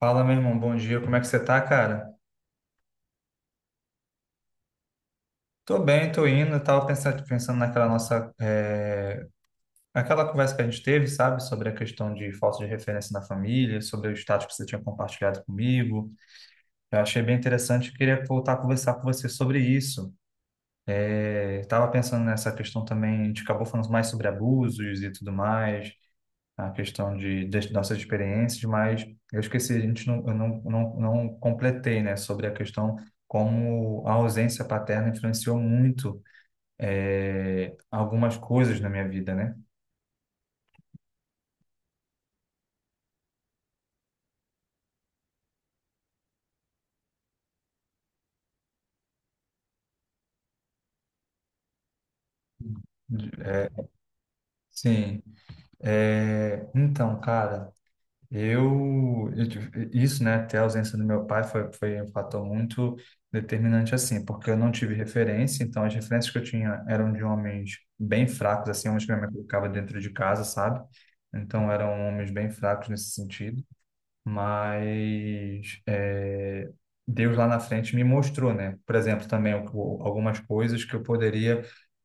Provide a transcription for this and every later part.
Fala, meu irmão, bom dia, como é que você tá, cara? Tô bem, tô indo, eu tava pensando, naquela nossa, aquela conversa que a gente teve, sabe, sobre a questão de falta de referência na família, sobre o status que você tinha compartilhado comigo, eu achei bem interessante, e queria voltar a conversar com você sobre isso. Eu tava pensando nessa questão também, a gente acabou falando mais sobre abusos e tudo mais, a questão das nossas experiências, mas eu esqueci, a gente não, não completei, né, sobre a questão como a ausência paterna influenciou muito algumas coisas na minha vida, né? Sim. Então, cara. Eu isso, né, até a ausência do meu pai foi um fator muito determinante, assim, porque eu não tive referência, então as referências que eu tinha eram de homens bem fracos, assim, homens que minha mãe colocava dentro de casa, sabe? Então eram homens bem fracos nesse sentido, mas Deus lá na frente me mostrou, né? Por exemplo, também algumas coisas que eu poderia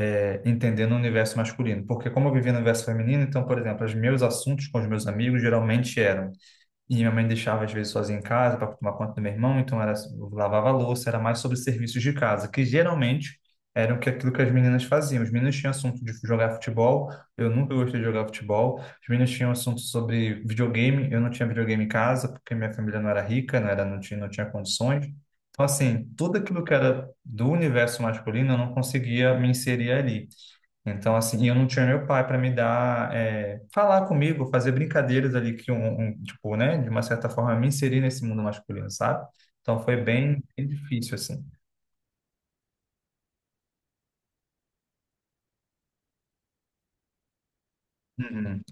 entender no universo masculino, porque como eu vivia no universo feminino, então, por exemplo, os meus assuntos com os meus amigos geralmente eram e minha mãe deixava às vezes sozinha em casa para tomar conta do meu irmão, então era eu lavava a louça, era mais sobre serviços de casa, que geralmente eram que aquilo que as meninas faziam. Os meninos tinham assunto de jogar futebol, eu nunca gostei de jogar futebol. Os meninos tinham assunto sobre videogame, eu não tinha videogame em casa porque minha família não era rica, não tinha condições. Então assim, tudo aquilo que era do universo masculino eu não conseguia me inserir ali. Então, assim, e eu não tinha meu pai para me dar, falar comigo, fazer brincadeiras ali que tipo, né, de uma certa forma me inserir nesse mundo masculino, sabe? Então foi bem difícil, assim. Uhum.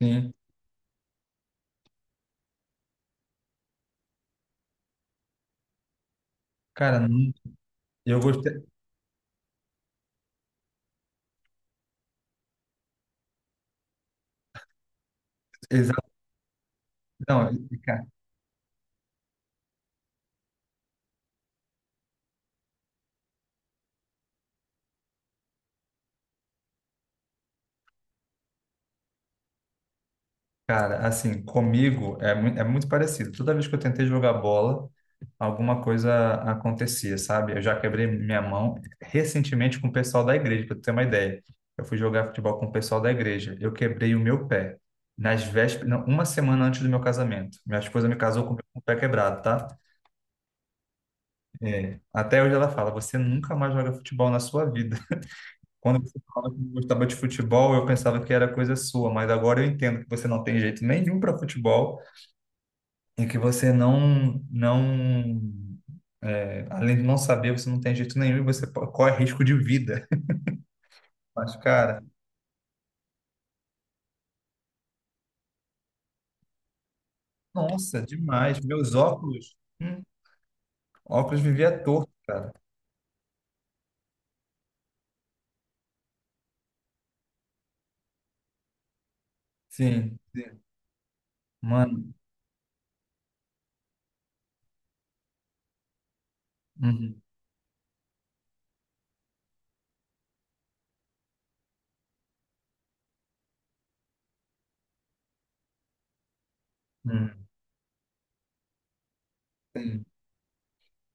Sim, cara, eu gostei, exato, não. Cara, assim, comigo é, é muito parecido. Toda vez que eu tentei jogar bola, alguma coisa acontecia, sabe? Eu já quebrei minha mão recentemente com o pessoal da igreja, para tu ter uma ideia. Eu fui jogar futebol com o pessoal da igreja. Eu quebrei o meu pé nas vésperas, não, uma semana antes do meu casamento. Minha esposa me casou com o pé quebrado, tá? É. Até hoje ela fala: você nunca mais joga futebol na sua vida. Quando você falava que gostava de futebol, eu pensava que era coisa sua, mas agora eu entendo que você não tem jeito nenhum para futebol. E que você é, além de não saber, você não tem jeito nenhum e você corre risco de vida. Mas, cara, nossa, demais. Meus óculos, óculos vivia torto, cara. Sim, sim. Mano, uhum, uhum.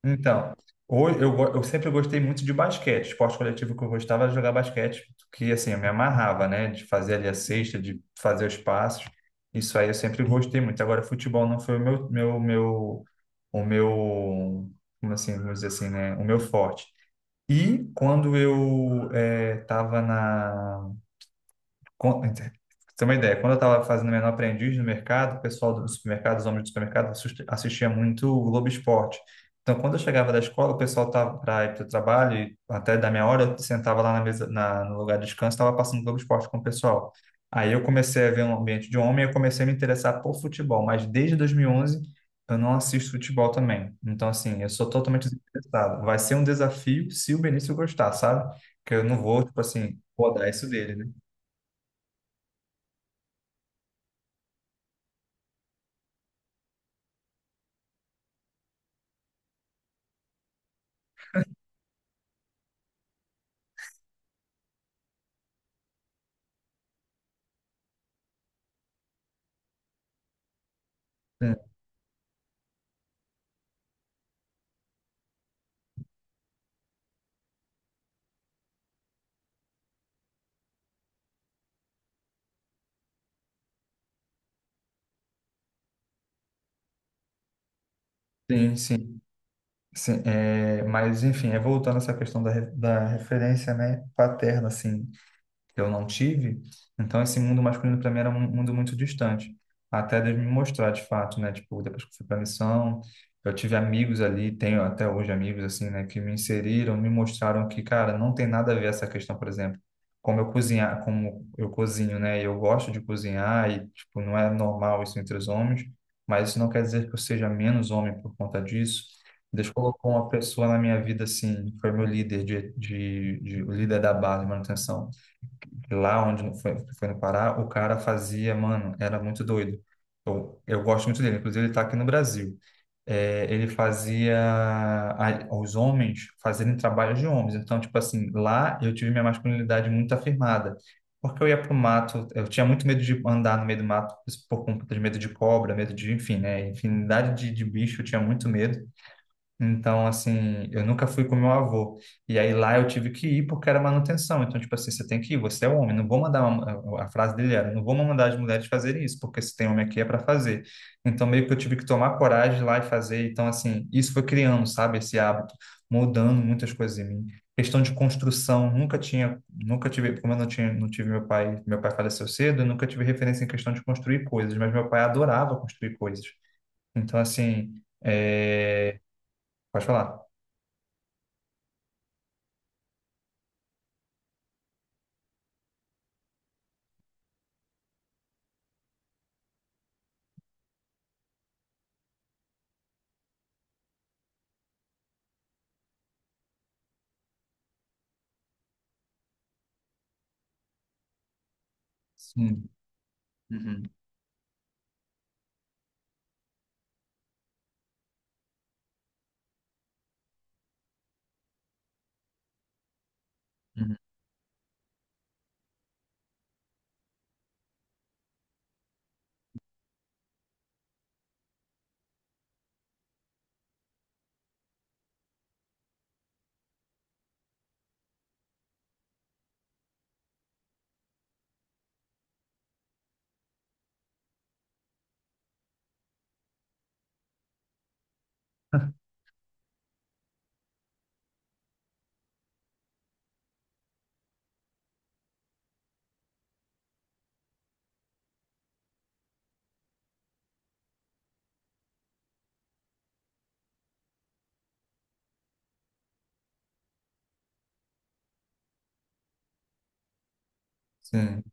Então, eu sempre gostei muito de basquete. Esporte coletivo que eu gostava era jogar basquete, que assim, eu me amarrava, né? De fazer ali a cesta, de fazer os passos. Isso aí eu sempre gostei muito. Agora, futebol não foi o meu, como assim, vamos dizer assim, né? O meu forte. E quando eu estava Você tem uma ideia, quando eu estava fazendo menor aprendiz no mercado, o pessoal do supermercado, os homens do supermercado, assistia muito o Globo Esporte. Então, quando eu chegava da escola, o pessoal estava para ir para o trabalho, e até da minha hora, eu sentava lá na mesa, no lugar de descanso, estava passando Globo Esporte com o pessoal. Aí eu comecei a ver um ambiente de homem, eu comecei a me interessar por futebol, mas desde 2011 eu não assisto futebol também. Então, assim, eu sou totalmente desinteressado. Vai ser um desafio se o Benício gostar, sabe? Que eu não vou, tipo assim, rodar isso dele, né? Sim, sim, sim. É, mas enfim, é voltando a essa questão da referência, né, paterna, assim, que eu não tive. Então, esse mundo masculino para mim era um mundo muito distante. Até Deus me mostrar, de fato, né? Tipo, depois que eu fui para a missão, eu tive amigos ali, tenho até hoje amigos, assim, né? Que me inseriram, me mostraram que, cara, não tem nada a ver essa questão, por exemplo. Como eu cozinhar, como eu cozinho, né? Eu gosto de cozinhar e, tipo, não é normal isso entre os homens, mas isso não quer dizer que eu seja menos homem por conta disso. Deus colocou uma pessoa na minha vida, assim, foi meu líder de o líder da base, de manutenção lá onde foi no Pará, o cara fazia, mano, era muito doido. Eu gosto muito dele, inclusive ele tá aqui no Brasil. É, ele fazia os homens fazerem trabalho de homens. Então, tipo assim, lá eu tive minha masculinidade muito afirmada. Porque eu ia pro mato, eu tinha muito medo de andar no meio do mato por conta de medo de cobra, medo de, enfim, né? Infinidade de bicho, eu tinha muito medo. Então, assim, eu nunca fui com meu avô. E aí lá eu tive que ir porque era manutenção. Então, tipo assim, você tem que ir, você é homem, não vou mandar uma- a frase dele era, não vou mandar as mulheres fazerem isso, porque se tem homem aqui é para fazer. Então, meio que eu tive que tomar coragem lá e fazer. Então, assim, isso foi criando, sabe, esse hábito, mudando muitas coisas em mim. Questão de construção, nunca tive, como eu não tinha, não tive meu pai faleceu cedo, eu nunca tive referência em questão de construir coisas, mas meu pai adorava construir coisas. Então, assim, é... pode falar. Sim, uhum, uhum, sim.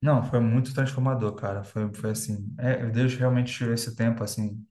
Não, foi muito transformador, cara. Foi assim. É, Deus realmente tirou esse tempo, assim,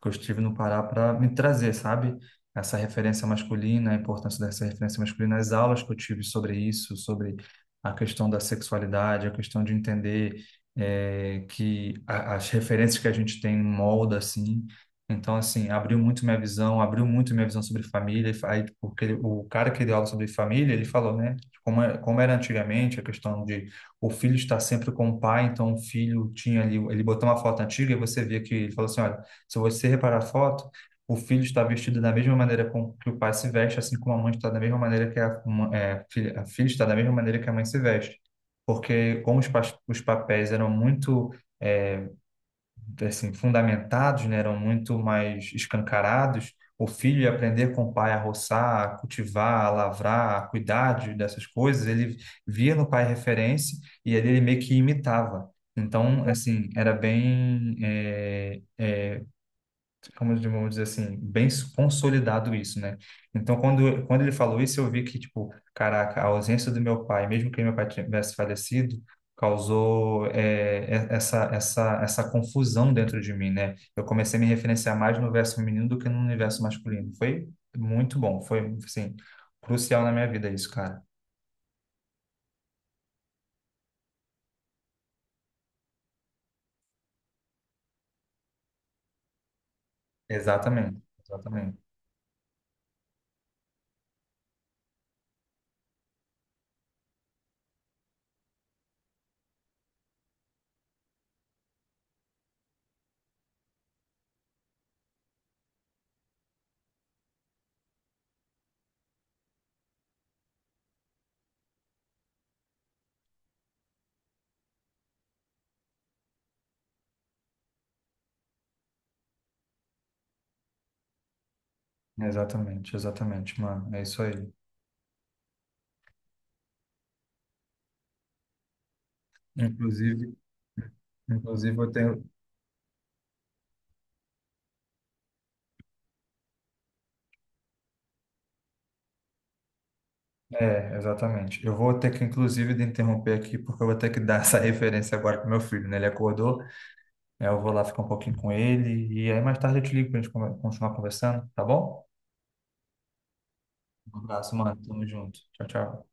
que eu estive no Pará para me trazer, sabe? Essa referência masculina, a importância dessa referência masculina, as aulas que eu tive sobre isso, sobre a questão da sexualidade, a questão de entender que as referências que a gente tem molda, assim. Então, assim, abriu muito minha visão, abriu muito minha visão sobre família. Aí, porque o cara que deu aula sobre família, ele falou, né, como, como era antigamente, a questão de o filho estar sempre com o pai, então o filho tinha ali, ele botou uma foto antiga e você via que ele falou assim, olha, se você reparar a foto, o filho está vestido da mesma maneira com que o pai se veste, assim como a mãe está da mesma maneira que é, filha, a filha está da mesma maneira que a mãe se veste. Porque como os papéis eram muito é, assim, fundamentados, né, eram muito mais escancarados, o filho ia aprender com o pai a roçar, a cultivar, a lavrar, a cuidar dessas coisas, ele via no pai referência e ali ele meio que imitava. Então, assim, era bem como vamos dizer assim, bem consolidado isso, né? Então, quando ele falou isso, eu vi que, tipo, caraca, a ausência do meu pai, mesmo que meu pai tivesse falecido, causou essa confusão dentro de mim, né? Eu comecei a me referenciar mais no universo feminino do que no universo masculino. Foi muito bom, foi, assim, crucial na minha vida isso, cara. Exatamente, exatamente, exatamente, exatamente, mano. É isso aí. Inclusive, eu tenho, é, exatamente. Eu vou ter que, inclusive, de interromper aqui, porque eu vou ter que dar essa referência agora para meu filho, né? Ele acordou, aí eu vou lá ficar um pouquinho com ele, e aí mais tarde eu te ligo para a gente continuar conversando, tá bom? Um abraço, mano. Tamo junto. Tchau, tchau.